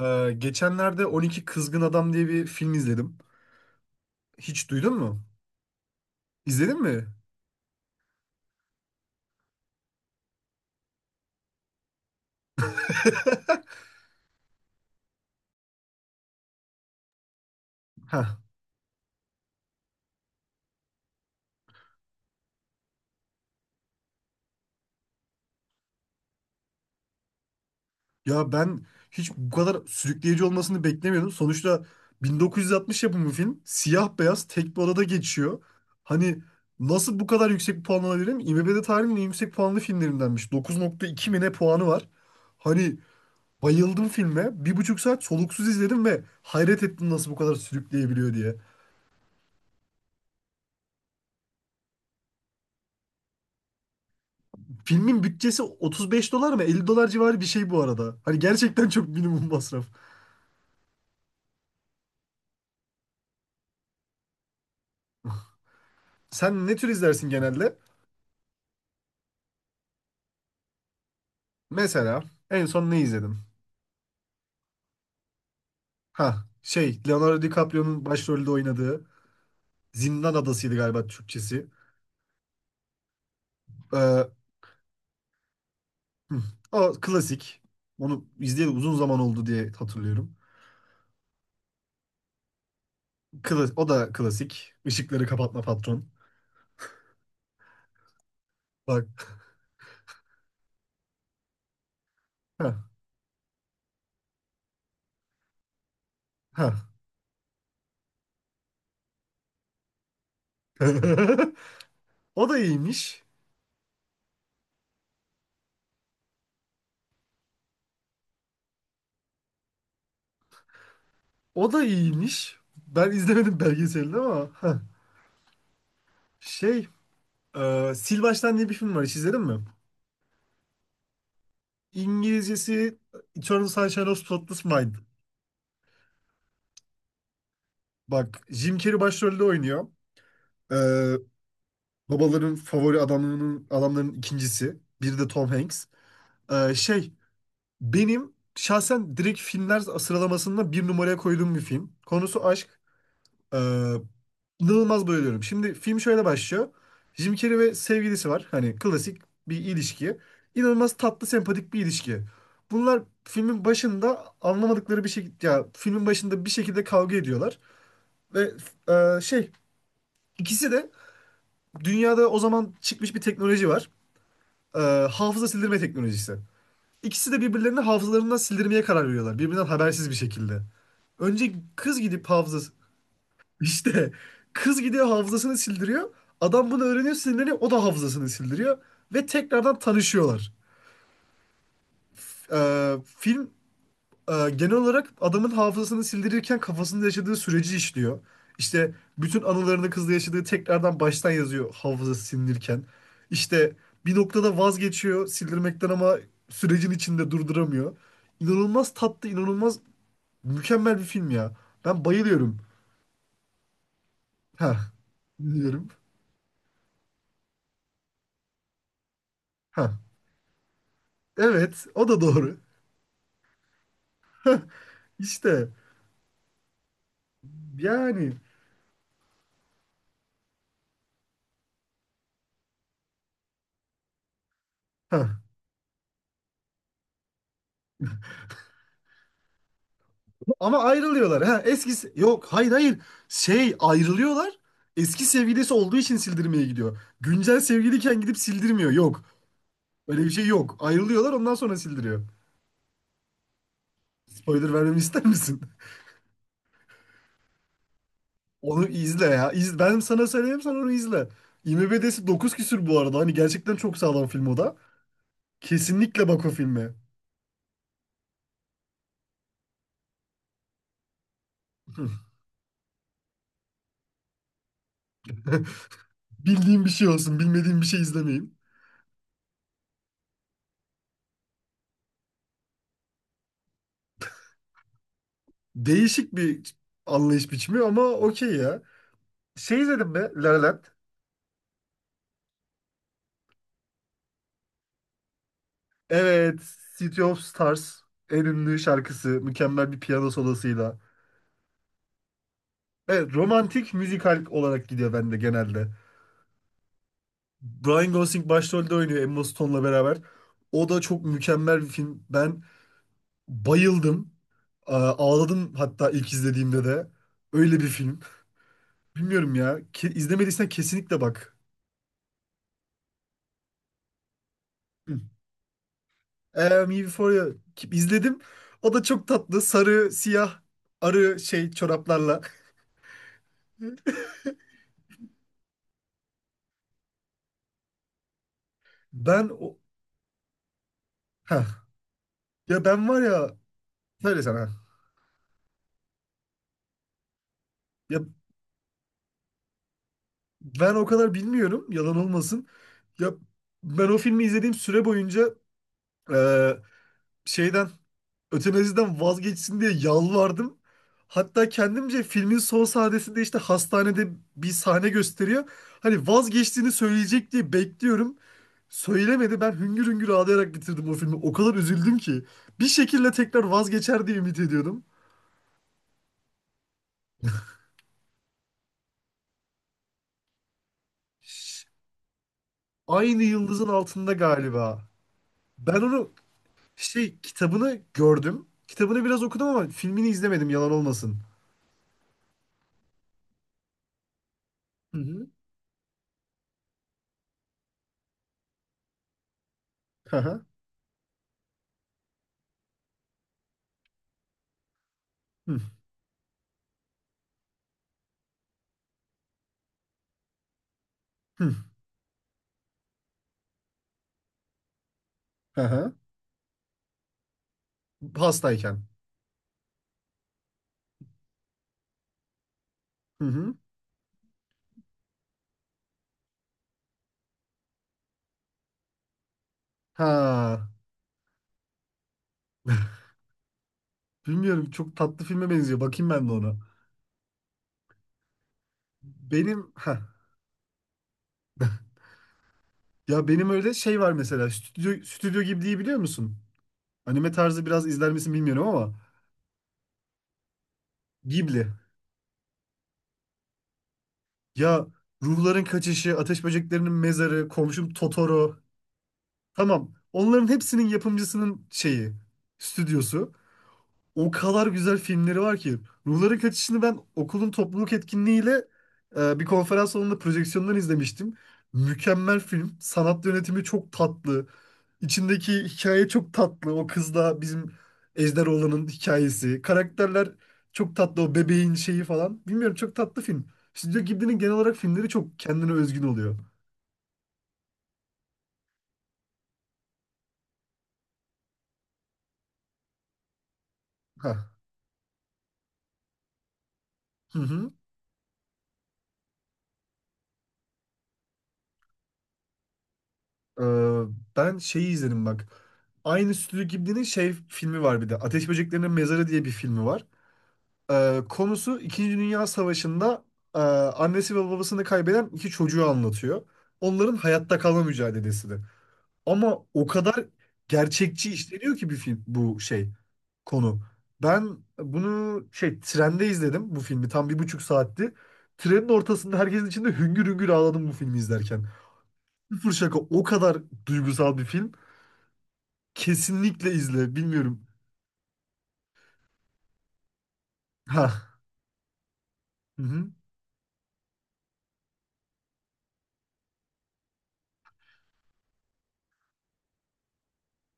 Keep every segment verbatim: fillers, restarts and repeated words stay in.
Ee, geçenlerde on iki Kızgın Adam diye bir film izledim. Hiç duydun mu? İzledin mi? Heh. Ya ben hiç bu kadar sürükleyici olmasını beklemiyordum. Sonuçta bin dokuz yüz altmış yapımı film. Siyah beyaz tek bir odada geçiyor. Hani nasıl bu kadar yüksek bir puan alabilirim? IMDb'de tarihin en yüksek puanlı filmlerindenmiş. dokuz nokta iki mi ne puanı var. Hani bayıldım filme. Bir buçuk saat soluksuz izledim ve hayret ettim nasıl bu kadar sürükleyebiliyor diye. Filmin bütçesi otuz beş dolar mı elli dolar civarı bir şey bu arada. Hani gerçekten çok minimum masraf. Sen ne tür izlersin genelde? Mesela en son ne izledin? Ha şey Leonardo DiCaprio'nun başrolde oynadığı Zindan Adası'ydı galiba Türkçesi. Ee, hı, o klasik. Onu izleyeli uzun zaman oldu diye hatırlıyorum. Kla- o da klasik. Işıkları kapatma patron. Bak. Ha, ha. O da iyiymiş. O da iyiymiş. Ben izlemedim belgeselini ama. Şey, e, Sil Baştan diye bir film var. Hiç izledin mi? İngilizcesi Eternal Sunshine of Spotless Mind. Bak, Jim Carrey başrolde oynuyor. E, babaların favori adamlarının adamların ikincisi. Biri de Tom Hanks. E, şey, benim şahsen direkt filmler sıralamasında bir numaraya koyduğum bir film. Konusu aşk. Ee, inanılmaz bayılıyorum. Şimdi film şöyle başlıyor. Jim Carrey ve sevgilisi var. Hani klasik bir ilişki. İnanılmaz tatlı, sempatik bir ilişki. Bunlar filmin başında anlamadıkları bir şekilde ya filmin başında bir şekilde kavga ediyorlar ve e, şey ikisi de dünyada o zaman çıkmış bir teknoloji var. E, hafıza sildirme teknolojisi. İkisi de birbirlerini hafızalarından sildirmeye karar veriyorlar. Birbirinden habersiz bir şekilde. Önce kız gidip hafıza İşte kız gidiyor hafızasını sildiriyor. Adam bunu öğreniyor sinirleniyor. O da hafızasını sildiriyor. Ve tekrardan tanışıyorlar. Ee, film e, genel olarak adamın hafızasını sildirirken kafasında yaşadığı süreci işliyor. İşte bütün anılarını kızla yaşadığı tekrardan baştan yazıyor hafızası silinirken. İşte bir noktada vazgeçiyor sildirmekten ama sürecin içinde durduramıyor. İnanılmaz tatlı, inanılmaz mükemmel bir film ya. Ben bayılıyorum. Ha, dinliyorum. Ha. Evet, o da doğru. İşte yani ha. Ama ayrılıyorlar. Ha, eskisi yok, hayır hayır. Şey ayrılıyorlar. Eski sevgilisi olduğu için sildirmeye gidiyor. Güncel sevgiliyken gidip sildirmiyor. Yok. Öyle bir şey yok. Ayrılıyorlar ondan sonra sildiriyor. Spoiler vermemi ister misin? Onu izle ya. İz, ben sana söyleyeyim sen onu izle. IMDb'si dokuz küsür bu arada. Hani gerçekten çok sağlam film o da. Kesinlikle bak o filme. Bildiğim bir şey olsun. Bilmediğim bir şey izlemeyeyim. Değişik bir anlayış biçimi ama okey ya. Şey izledim mi? La La Land. Evet. City of Stars. En ünlü şarkısı. Mükemmel bir piyano solosuyla. Evet. Romantik müzikal olarak gidiyor bende genelde. Brian Gosling başrolde oynuyor Emma Stone'la beraber. O da çok mükemmel bir film. Ben bayıldım. Aa, ağladım hatta ilk izlediğimde de. Öyle bir film. Bilmiyorum ya. Ke- İzlemediysen kesinlikle bak. Ee, Me Before You ki- izledim. O da çok tatlı. Sarı, siyah, arı şey çoraplarla. Ben o... Heh. Ya ben var ya... Söyle sana. Ya ben o kadar bilmiyorum. Yalan olmasın. Ya ben o filmi izlediğim süre boyunca e, şeyden ötenaziden vazgeçsin diye yalvardım. Hatta kendimce filmin son sahnesinde işte hastanede bir sahne gösteriyor. Hani vazgeçtiğini söyleyecek diye bekliyorum. Söylemedi. Ben hüngür hüngür ağlayarak bitirdim o filmi. O kadar üzüldüm ki. Bir şekilde tekrar vazgeçer diye ümit ediyordum. Ş- Aynı yıldızın altında galiba. Ben onu şey kitabını gördüm. Kitabını biraz okudum ama filmini izlemedim yalan olmasın. Hı hı. Hı hı. Hı hı. Hı hı. Hastayken. Hı hı. Ha, bilmiyorum çok tatlı filme benziyor. Bakayım ben de ona. Benim ha ya benim öyle şey var mesela Stüdyo Stüdyo Ghibli'yi biliyor musun? Anime tarzı biraz izler misin bilmiyorum ama Ghibli. Ya Ruhların Kaçışı, Ateş Böceklerinin Mezarı, Komşum Totoro. Tamam. Onların hepsinin yapımcısının şeyi, stüdyosu. O kadar güzel filmleri var ki. Ruhların Kaçışı'nı ben okulun topluluk etkinliğiyle e, bir konferans salonunda projeksiyondan izlemiştim. Mükemmel film. Sanat yönetimi çok tatlı. İçindeki hikaye çok tatlı. O kızla bizim Ejderoğlan'ın hikayesi. Karakterler çok tatlı. O bebeğin şeyi falan. Bilmiyorum çok tatlı film. Stüdyo Ghibli'nin genel olarak filmleri çok kendine özgün oluyor. Ha. Hı hı. Ee, ben şeyi izledim bak. Aynı Stüdyo Ghibli'nin şey filmi var bir de. Ateş Böceklerinin Mezarı diye bir filmi var. Ee, konusu İkinci Dünya Savaşı'nda e, annesi ve babasını kaybeden iki çocuğu anlatıyor. Onların hayatta kalma mücadelesi de. Ama o kadar gerçekçi işleniyor ki bir film bu şey konu. Ben bunu şey trende izledim bu filmi tam bir buçuk saatti. Trenin ortasında herkesin içinde hüngür hüngür ağladım bu filmi izlerken. Sıfır şaka o kadar duygusal bir film. Kesinlikle izle. Bilmiyorum. Ha. Hı hı.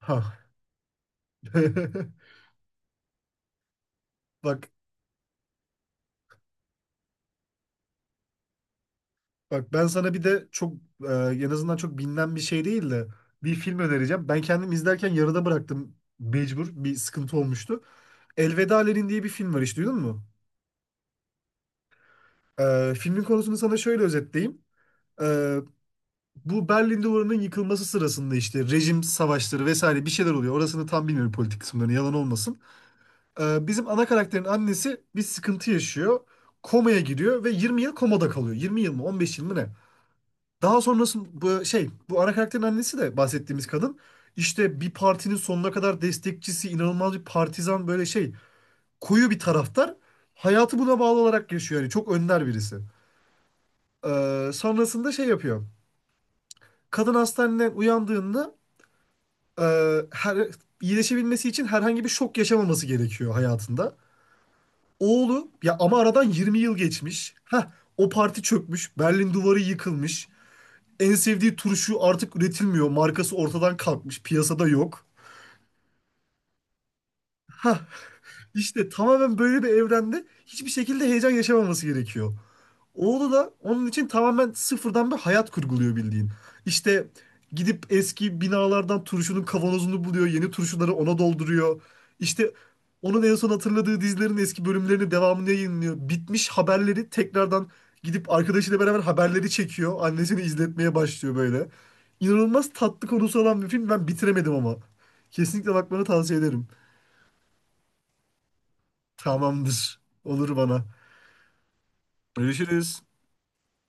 Ha. Bak bak ben sana bir de çok e, en azından çok bilinen bir şey değil de bir film önereceğim. Ben kendim izlerken yarıda bıraktım mecbur. Bir sıkıntı olmuştu. Elveda Lenin diye bir film var hiç duydun mu? E, filmin konusunu sana şöyle özetleyeyim. E, bu Berlin Duvarı'nın yıkılması sırasında işte rejim savaşları vesaire bir şeyler oluyor. Orasını tam bilmiyorum politik kısımlarını yalan olmasın. Ee, bizim ana karakterin annesi bir sıkıntı yaşıyor. Komaya giriyor ve yirmi yıl komada kalıyor. yirmi yıl mı on beş yıl mı ne? Daha sonrasında bu şey bu ana karakterin annesi de bahsettiğimiz kadın işte bir partinin sonuna kadar destekçisi, inanılmaz bir partizan böyle şey koyu bir taraftar. Hayatı buna bağlı olarak yaşıyor yani çok önder birisi. Ee, sonrasında şey yapıyor. Kadın hastaneden uyandığında e, her, iyileşebilmesi için herhangi bir şok yaşamaması gerekiyor hayatında. Oğlu ya ama aradan yirmi yıl geçmiş. Ha o parti çökmüş. Berlin duvarı yıkılmış. En sevdiği turşu artık üretilmiyor. Markası ortadan kalkmış. Piyasada yok. Ha işte tamamen böyle bir evrende hiçbir şekilde heyecan yaşamaması gerekiyor. Oğlu da onun için tamamen sıfırdan bir hayat kurguluyor bildiğin. İşte gidip eski binalardan turşunun kavanozunu buluyor, yeni turşuları ona dolduruyor. İşte onun en son hatırladığı dizilerin eski bölümlerini devamını yayınlıyor. Bitmiş haberleri tekrardan gidip arkadaşıyla beraber haberleri çekiyor. Annesini izletmeye başlıyor böyle. İnanılmaz tatlı konusu olan bir film. Ben bitiremedim ama. Kesinlikle bakmanı tavsiye ederim. Tamamdır. Olur bana. Görüşürüz.